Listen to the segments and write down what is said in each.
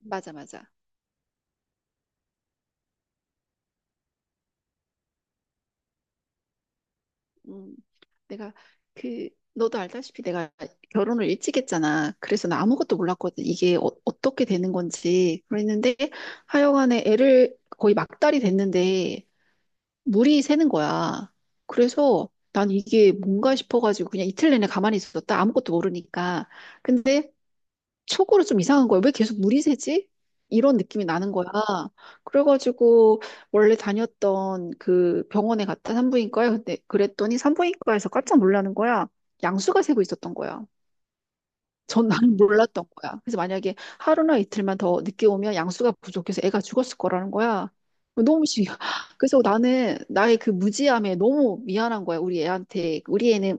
맞아, 맞아. 음, 내가 그 너도 알다시피 내가 결혼을 일찍 했잖아. 그래서 나 아무것도 몰랐거든. 이게 떻게 되는 건지. 그랬는데 하여간에 애를 거의 막달이 됐는데 물이 새는 거야. 그래서 난 이게 뭔가 싶어가지고 그냥 이틀 내내 가만히 있었다. 아무것도 모르니까. 근데 속으로 좀 이상한 거예요. 왜 계속 물이 새지? 이런 느낌이 나는 거야. 그래가지고 원래 다녔던 그 병원에 갔다 산부인과에, 근데 그랬더니 산부인과에서 깜짝 놀라는 거야. 양수가 새고 있었던 거야. 전 나는 몰랐던 거야. 그래서 만약에 하루나 이틀만 더 늦게 오면 양수가 부족해서 애가 죽었을 거라는 거야. 너무 신기해. 그래서 나는 나의 그 무지함에 너무 미안한 거야. 우리 애한테. 우리 애는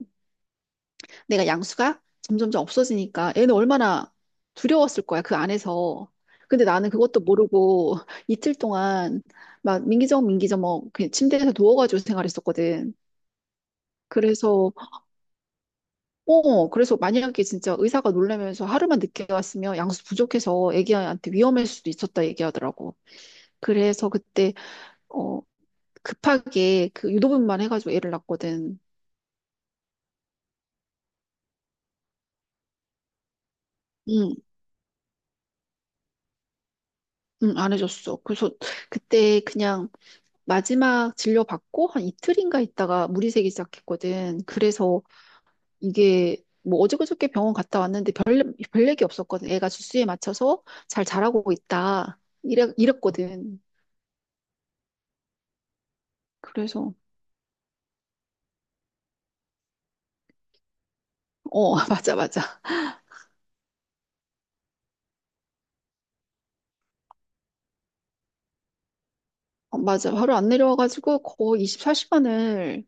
내가 양수가 점점점 없어지니까 애는 얼마나 두려웠을 거야, 그 안에서. 근데 나는 그것도 모르고 이틀 동안 막 민기적 민기적 뭐 그냥 침대에서 누워가지고 생활했었거든. 그래서 그래서 만약에 진짜 의사가 놀라면서 하루만 늦게 왔으면 양수 부족해서 애기한테 위험할 수도 있었다 얘기하더라고. 그래서 그때 어 급하게 그 유도분만 해가지고 애를 낳았거든. 응, 응, 안 해줬어. 그래서 그때 그냥 마지막 진료받고 한 이틀인가 있다가 물이 새기 시작했거든. 그래서 이게 뭐 어저그저께 병원 갔다 왔는데 별 얘기 없었거든. 애가 주수에 맞춰서 잘 자라고 있다. 이래, 이랬거든. 그래서, 어, 맞아, 맞아. 어, 맞아. 바로 안 내려와가지고 거의 24시간을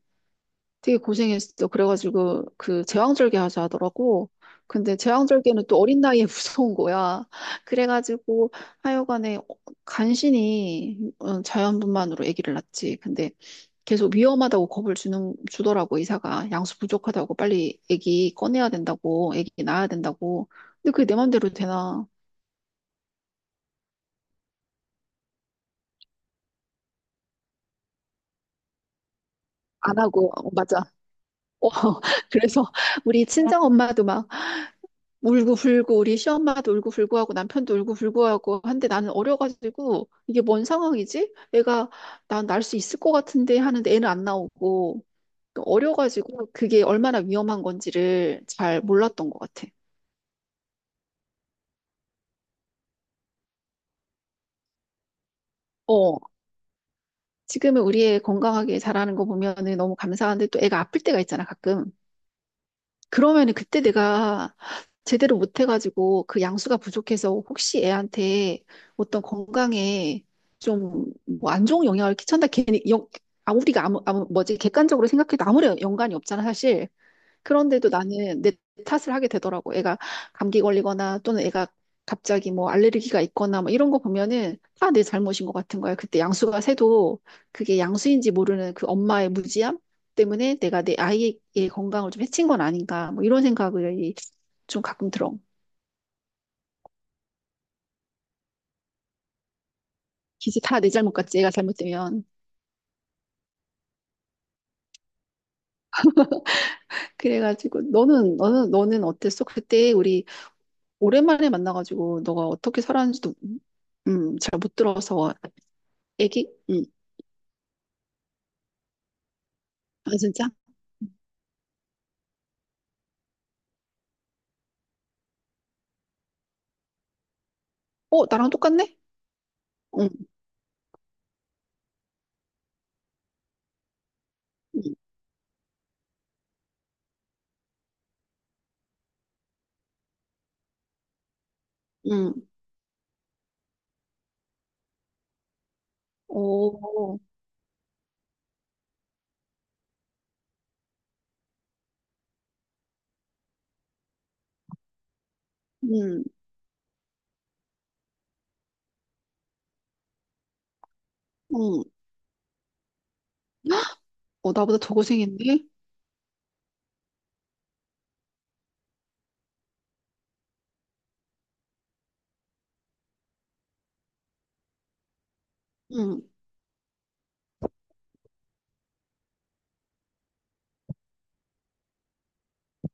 되게 고생했어. 그래가지고 그 제왕절개 하자 하더라고. 근데 제왕절개는 또 어린 나이에 무서운 거야. 그래가지고 하여간에 간신히 자연분만으로 아기를 낳지. 근데 계속 위험하다고 겁을 주는 주더라고, 의사가. 양수 부족하다고 빨리 아기 꺼내야 된다고, 아기 낳아야 된다고. 근데 그게 내 맘대로 되나? 안 하고 어, 맞아. 어, 그래서 우리 친정 엄마도 막 울고 불고, 우리 시엄마도 울고 불고 하고, 남편도 울고 불고 하고 한데, 나는 어려가지고 이게 뭔 상황이지? 애가, 난 날 수 있을 것 같은데 하는데 애는 안 나오고, 어려가지고 그게 얼마나 위험한 건지를 잘 몰랐던 것 같아. 어, 지금은 우리 애 건강하게 자라는 거 보면은 너무 감사한데, 또 애가 아플 때가 있잖아, 가끔. 그러면은 그때 내가 제대로 못해가지고 그 양수가 부족해서 혹시 애한테 어떤 건강에 좀 뭐 안 좋은 영향을 끼친다, 괜히. 아 우리가 아무 뭐지, 객관적으로 생각해도 아무런 연관이 없잖아, 사실. 그런데도 나는 내 탓을 하게 되더라고. 애가 감기 걸리거나, 또는 애가 갑자기 뭐 알레르기가 있거나 뭐 이런 거 보면은 다 내 잘못인 것 같은 거야. 그때 양수가 새도 그게 양수인지 모르는 그 엄마의 무지함 때문에 내가 내 아이의 건강을 좀 해친 건 아닌가, 뭐 이런 생각을 좀 가끔 들어. 기지 다 내 잘못 같지, 애가 잘못되면. 그래가지고 너는 어땠어? 그때 우리 오랜만에 만나가지고 너가 어떻게 살았는지도 잘 못 들어서. 애기? 아 진짜? 어, 나랑 똑같네? 응, 응, 응, 오, 응, 응, 어, 나보다 더 고생했네? 응,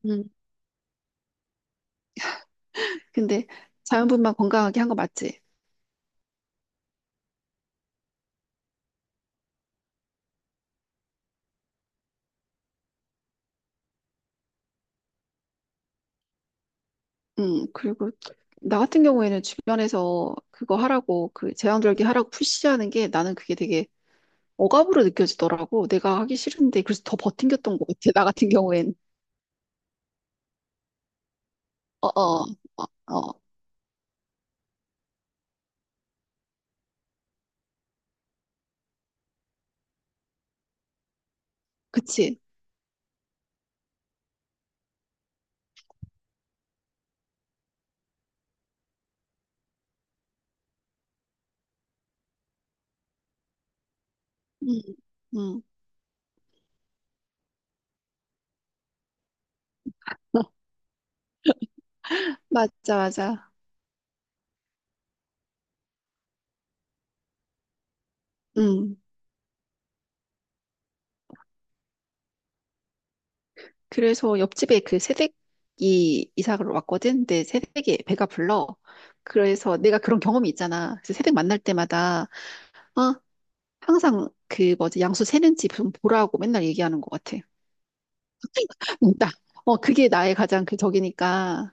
응, 근데 자연분만 건강하게 한 거 맞지? 응. 그리고 나 같은 경우에는 주변에서 그거 하라고, 그 제왕절개 하라고 푸시하는 게, 나는 그게 되게 억압으로 느껴지더라고. 내가 하기 싫은데, 그래서 더 버팅겼던 것 같아, 나 같은 경우엔. 어, 어, 어, 어. 그치? 응, 응. 맞아, 맞아. 응, 그래서 옆집에 그 새댁이 이사를 왔거든. 근데 새댁이 배가 불러. 그래서 내가 그런 경험이 있잖아. 그래서 새댁 만날 때마다 어, 항상 그 뭐지, 양수 세는지 좀 보라고 맨날 얘기하는 것 같아. 있다. 어, 그게 나의 가장 그 적이니까.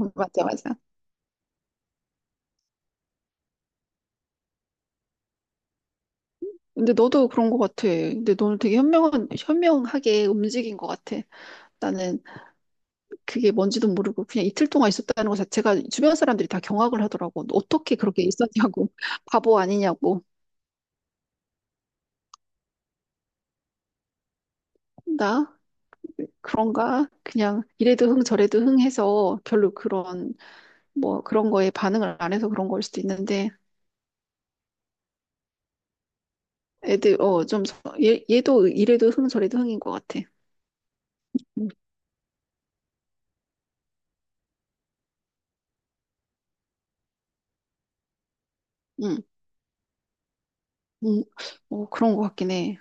맞아, 맞아. 근데 너도 그런 것 같아. 근데 너는 되게 현명하게 움직인 것 같아. 나는 그게 뭔지도 모르고 그냥 이틀 동안 있었다는 것 자체가, 주변 사람들이 다 경악을 하더라고. 어떻게 그렇게 있었냐고. 바보 아니냐고. 나. 그런가? 그냥 이래도 흥 저래도 흥 해서, 별로 그런, 뭐 그런 거에 반응을 안 해서 그런 걸 수도 있는데. 애들 좀, 얘 얘도 이래도 흥 저래도 흥인 것 같아. 응, 응, 응. 어 그런 것 같긴 해.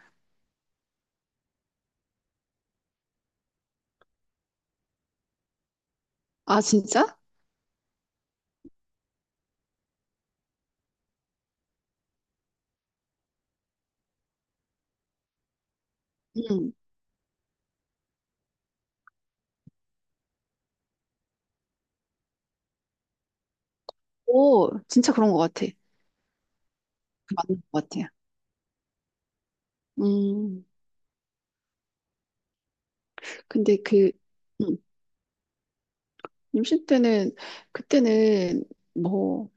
아 진짜? 응. 오 진짜 그런 것 같아. 그 맞는 것 같아. 음 근데 그 음, 임신 때는, 그때는 뭐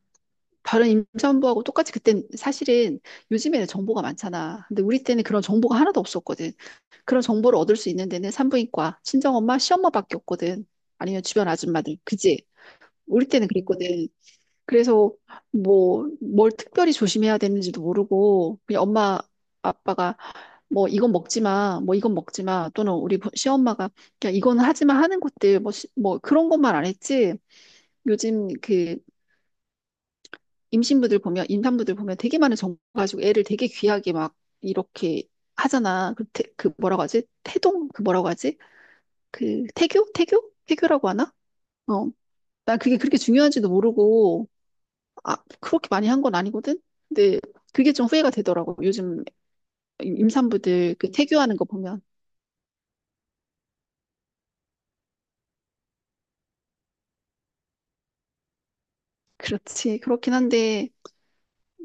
다른 임산부하고 똑같이. 그땐 사실은 요즘에는 정보가 많잖아. 근데 우리 때는 그런 정보가 하나도 없었거든. 그런 정보를 얻을 수 있는 데는 산부인과, 친정엄마, 시엄마밖에 없거든. 아니면 주변 아줌마들. 그지? 우리 때는 그랬거든. 그래서 뭐 뭘 특별히 조심해야 되는지도 모르고, 그냥 엄마 아빠가 뭐 이건 먹지 마, 뭐 이건 먹지 마, 또는 우리 시엄마가 그냥 이건 하지 마 하는 것들 뭐, 뭐 그런 것만 안 했지. 요즘 그 임산부들 보면 되게 많은 정보 가지고 애를 되게 귀하게 막 이렇게 하잖아. 그 뭐라고 하지? 태동? 그 뭐라고 하지? 태교라고 하나? 어. 난 그게 그렇게 중요한지도 모르고, 아, 그렇게 많이 한 건 아니거든? 근데 그게 좀 후회가 되더라고. 요즘 임산부들 그 태교하는 거 보면. 그렇지. 그렇긴 한데,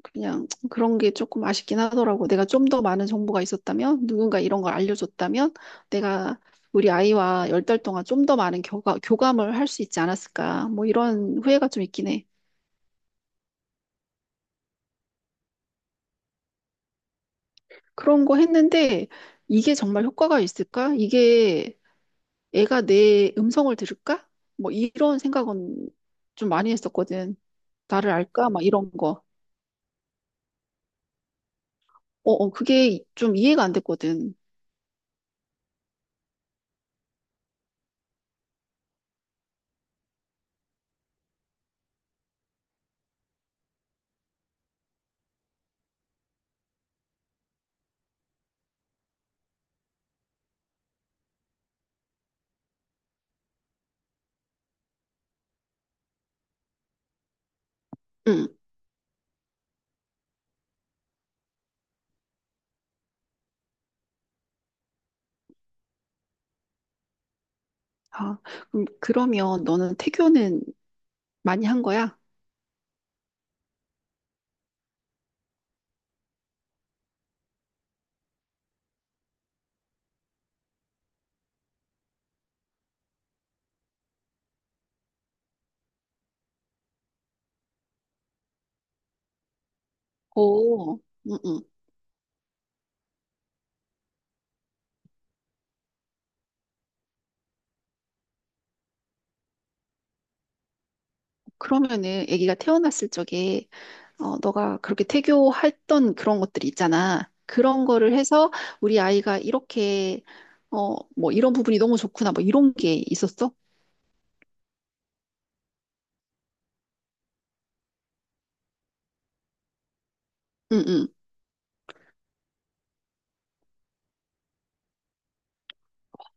그냥 그런 게 조금 아쉽긴 하더라고. 내가 좀 더 많은 정보가 있었다면, 누군가 이런 걸 알려줬다면, 내가 우리 아이와 열 달 동안 좀 더 많은 교감을 할 수 있지 않았을까. 뭐 이런 후회가 좀 있긴 해. 그런 거 했는데, 이게 정말 효과가 있을까? 이게 애가 내 음성을 들을까? 뭐 이런 생각은 좀 많이 했었거든. 나를 알까? 막 이런 거. 어, 어, 그게 좀 이해가 안 됐거든. 응. 아, 그럼 그러면 너는 태교는 많이 한 거야? 오, 음, 음. 그러면은 아기가 태어났을 적에 너가 그렇게 태교했던 그런 것들이 있잖아. 그런 거를 해서 우리 아이가 이렇게 뭐 이런 부분이 너무 좋구나, 뭐 이런 게 있었어? 응, 응.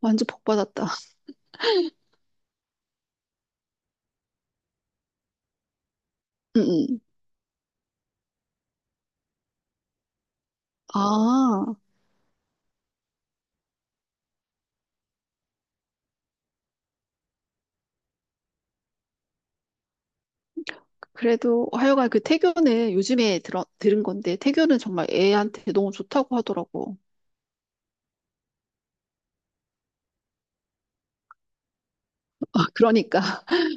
완전 복 받았다. 응, 응. 아, 그래도 하여간 그 태교는 요즘에 들은 건데, 태교는 정말 애한테 너무 좋다고 하더라고. 아, 그러니까.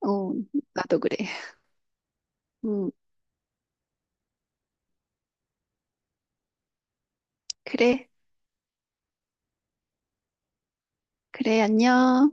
어, 나도 그래. 응, 그래. 그래, 안녕.